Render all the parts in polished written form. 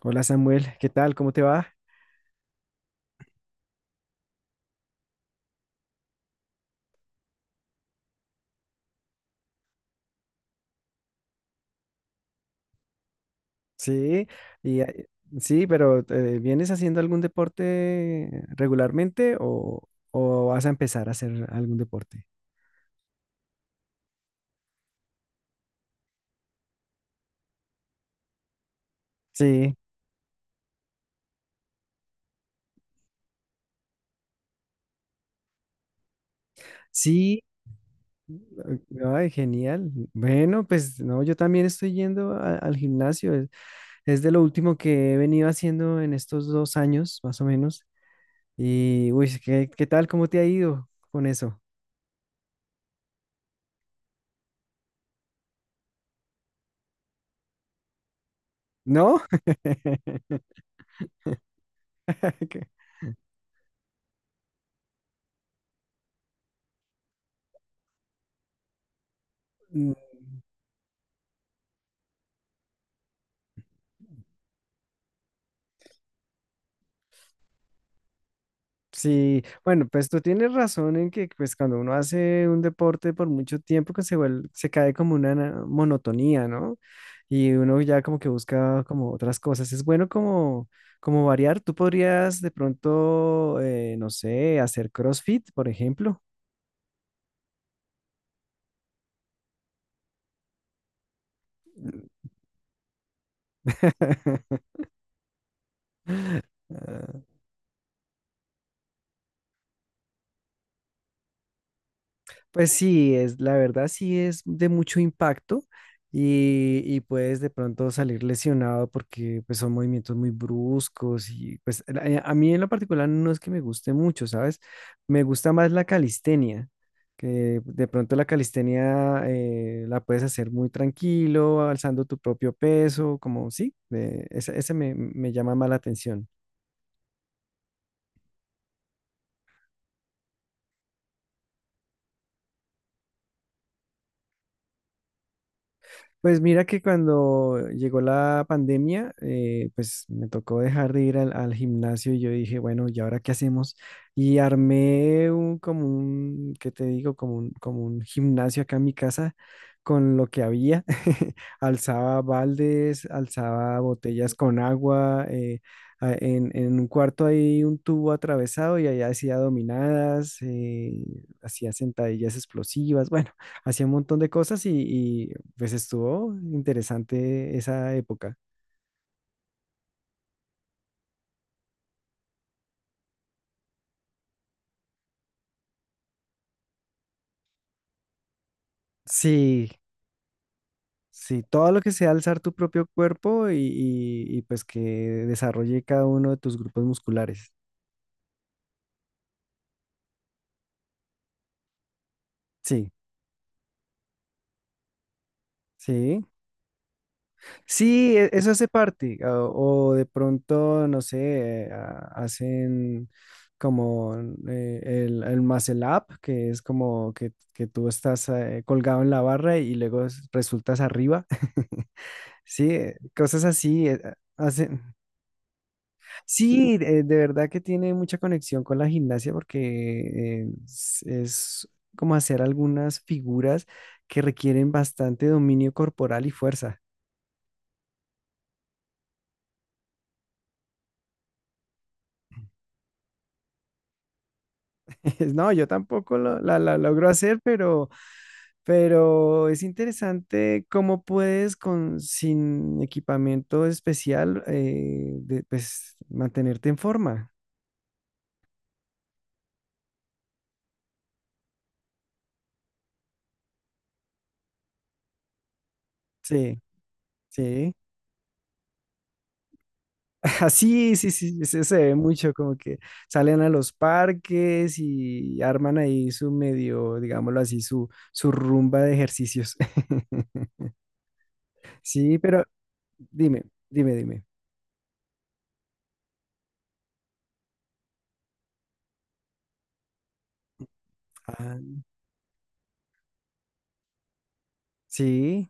Hola Samuel, ¿qué tal? ¿Cómo te va? Sí, y, sí, pero ¿vienes haciendo algún deporte regularmente o vas a empezar a hacer algún deporte? Sí, sí, eh, ay, genial. Bueno, pues no, yo también estoy yendo al gimnasio. Es de lo último que he venido haciendo en estos 2 años, más o menos. Y, uy, ¿qué tal? ¿Cómo te ha ido con eso? ¿No? ¿Qué? Sí, bueno, pues tú tienes razón en que pues cuando uno hace un deporte por mucho tiempo que se cae como una monotonía, ¿no? Y uno ya como que busca como otras cosas. Es bueno como variar. Tú podrías de pronto, no sé, hacer CrossFit, por ejemplo. Pues sí, la verdad sí es de mucho impacto y puedes de pronto salir lesionado porque pues son movimientos muy bruscos y pues a mí en lo particular no es que me guste mucho, ¿sabes? Me gusta más la calistenia, que de pronto la calistenia la puedes hacer muy tranquilo, alzando tu propio peso, como sí, ese me llama más la atención. Pues mira que cuando llegó la pandemia, pues me tocó dejar de ir al gimnasio y yo dije, bueno, ¿y ahora qué hacemos? Y armé un, como un, ¿qué te digo? Como un gimnasio acá en mi casa con lo que había. Alzaba baldes, alzaba botellas con agua, en un cuarto hay un tubo atravesado y allá hacía dominadas, hacía sentadillas explosivas, bueno hacía un montón de cosas y, pues estuvo interesante esa época. Sí, sí, todo lo que sea alzar tu propio cuerpo y pues que desarrolle cada uno de tus grupos musculares. Sí, sí. Sí, eso hace parte. O de pronto, no sé, hacen como el muscle up, que es que tú estás colgado en la barra y luego resultas arriba. Sí, cosas así. Sí, de verdad que tiene mucha conexión con la gimnasia porque es como hacer algunas figuras que requieren bastante dominio corporal y fuerza. No, yo tampoco la logro hacer, pero es interesante cómo puedes con, sin equipamiento especial pues, mantenerte en forma. Sí, sí. Sí, sí, sí, se ve mucho como que salen a los parques y arman ahí su medio, digámoslo así, su rumba de ejercicios. Sí, pero dime, dime, dime. Ah, sí,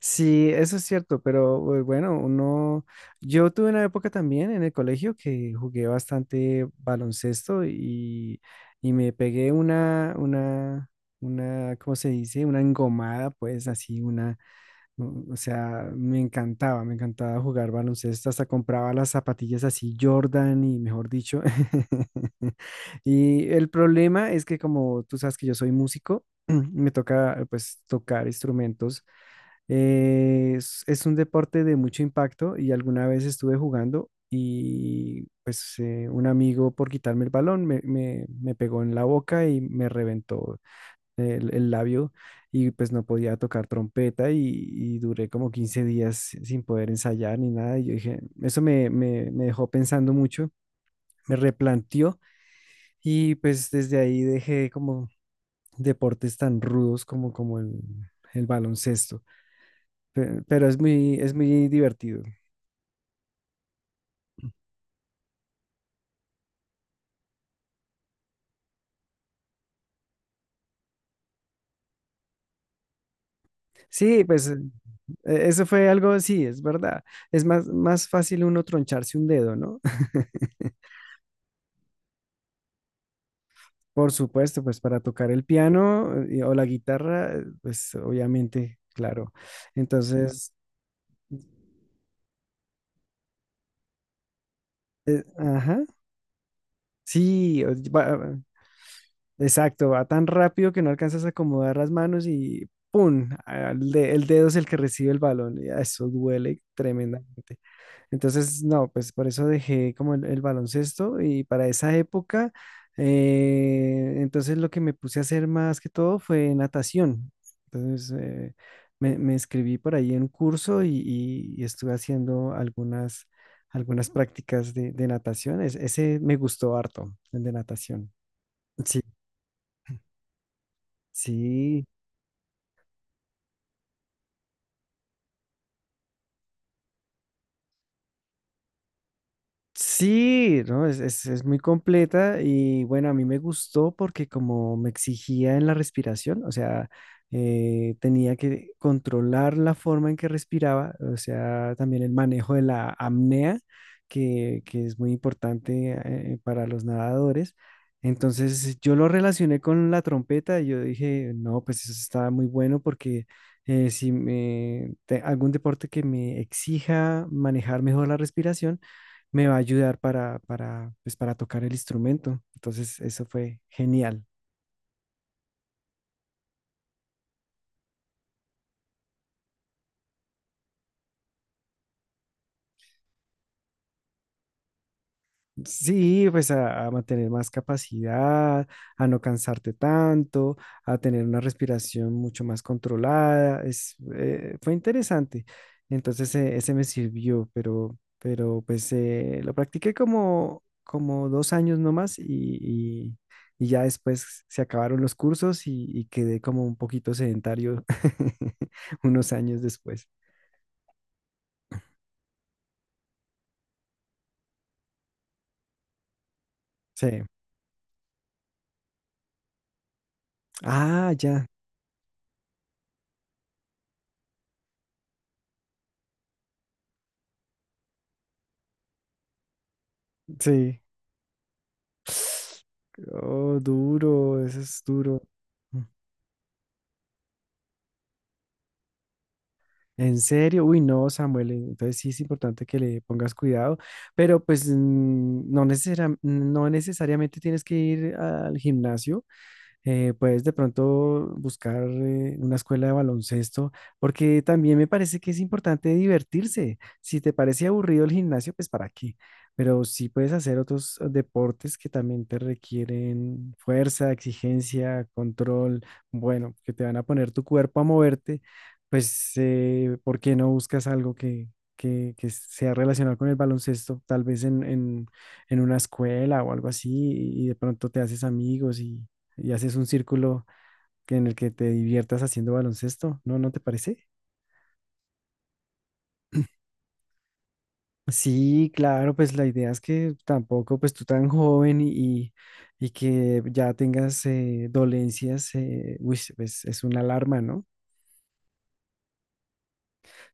sí, eso es cierto, pero bueno, uno, yo tuve una época también en el colegio que jugué bastante baloncesto y me pegué una ¿cómo se dice? Una engomada, pues así, una Mm, o sea, me encantaba jugar baloncesto, hasta compraba las zapatillas así Jordan y mejor dicho. Y el problema es que como tú sabes que yo soy músico, me toca pues tocar instrumentos. Es un deporte de mucho impacto y alguna vez estuve jugando y pues un amigo por quitarme el balón me pegó en la boca y me reventó el labio y pues no podía tocar trompeta y duré como 15 días sin poder ensayar ni nada. Y yo dije, me dejó pensando mucho, me replanteó y pues desde ahí dejé como deportes tan rudos como el baloncesto. Pero es muy divertido. Sí, pues eso fue algo, sí, es verdad. Es más, más fácil uno troncharse un dedo, ¿no? Por supuesto, pues para tocar el piano o la guitarra, pues obviamente, claro. Entonces, ajá, sí, exacto, va tan rápido que no alcanzas a acomodar las manos y ¡pum! El dedo es el que recibe el balón. Y eso duele tremendamente. Entonces, no, pues por eso dejé como el baloncesto y para esa época, entonces lo que me puse a hacer más que todo fue natación. Entonces, me inscribí por ahí en un curso y estuve haciendo algunas prácticas de natación. Ese me gustó harto, el de natación. Sí. Sí. Sí, no, es muy completa y bueno, a mí me gustó porque como me exigía en la respiración, o sea, tenía que controlar la forma en que respiraba, o sea, también el manejo de la apnea, que es muy importante para los nadadores. Entonces yo lo relacioné con la trompeta y yo dije, no, pues eso está muy bueno porque si me, te- algún deporte que me exija manejar mejor la respiración, me va a ayudar pues, para tocar el instrumento. Entonces, eso fue genial. Sí, pues a mantener más capacidad, a no cansarte tanto, a tener una respiración mucho más controlada. Fue interesante. Entonces, ese me sirvió, pero pues lo practiqué como 2 años nomás y ya después se acabaron los cursos y quedé como un poquito sedentario unos años después. Sí. Ah, ya. Sí. Oh, duro, eso es duro. Mm. ¿En serio? Uy, no, Samuel. Entonces sí es importante que le pongas cuidado, pero pues mm, no necesariamente tienes que ir al gimnasio. Puedes de pronto buscar una escuela de baloncesto, porque también me parece que es importante divertirse. Si te parece aburrido el gimnasio, pues para qué. Pero sí puedes hacer otros deportes que también te requieren fuerza, exigencia, control, bueno, que te van a poner tu cuerpo a moverte, pues ¿por qué no buscas algo que sea relacionado con el baloncesto? Tal vez en una escuela o algo así, y de pronto te haces amigos y haces un círculo en el que te diviertas haciendo baloncesto, ¿no? ¿No te parece? Sí, claro, pues la idea es que tampoco, pues tú tan joven y que ya tengas dolencias, uy, pues es una alarma, ¿no?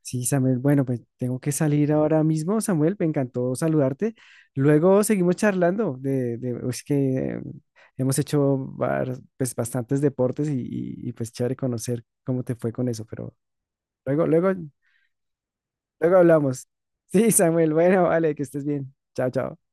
Sí, Samuel, bueno, pues tengo que salir ahora mismo, Samuel, me encantó saludarte. Luego seguimos charlando de es que hemos hecho pues, bastantes deportes y pues chévere conocer cómo te fue con eso, pero luego luego hablamos. Sí, Samuel. Bueno, vale, que estés bien. Chao, chao.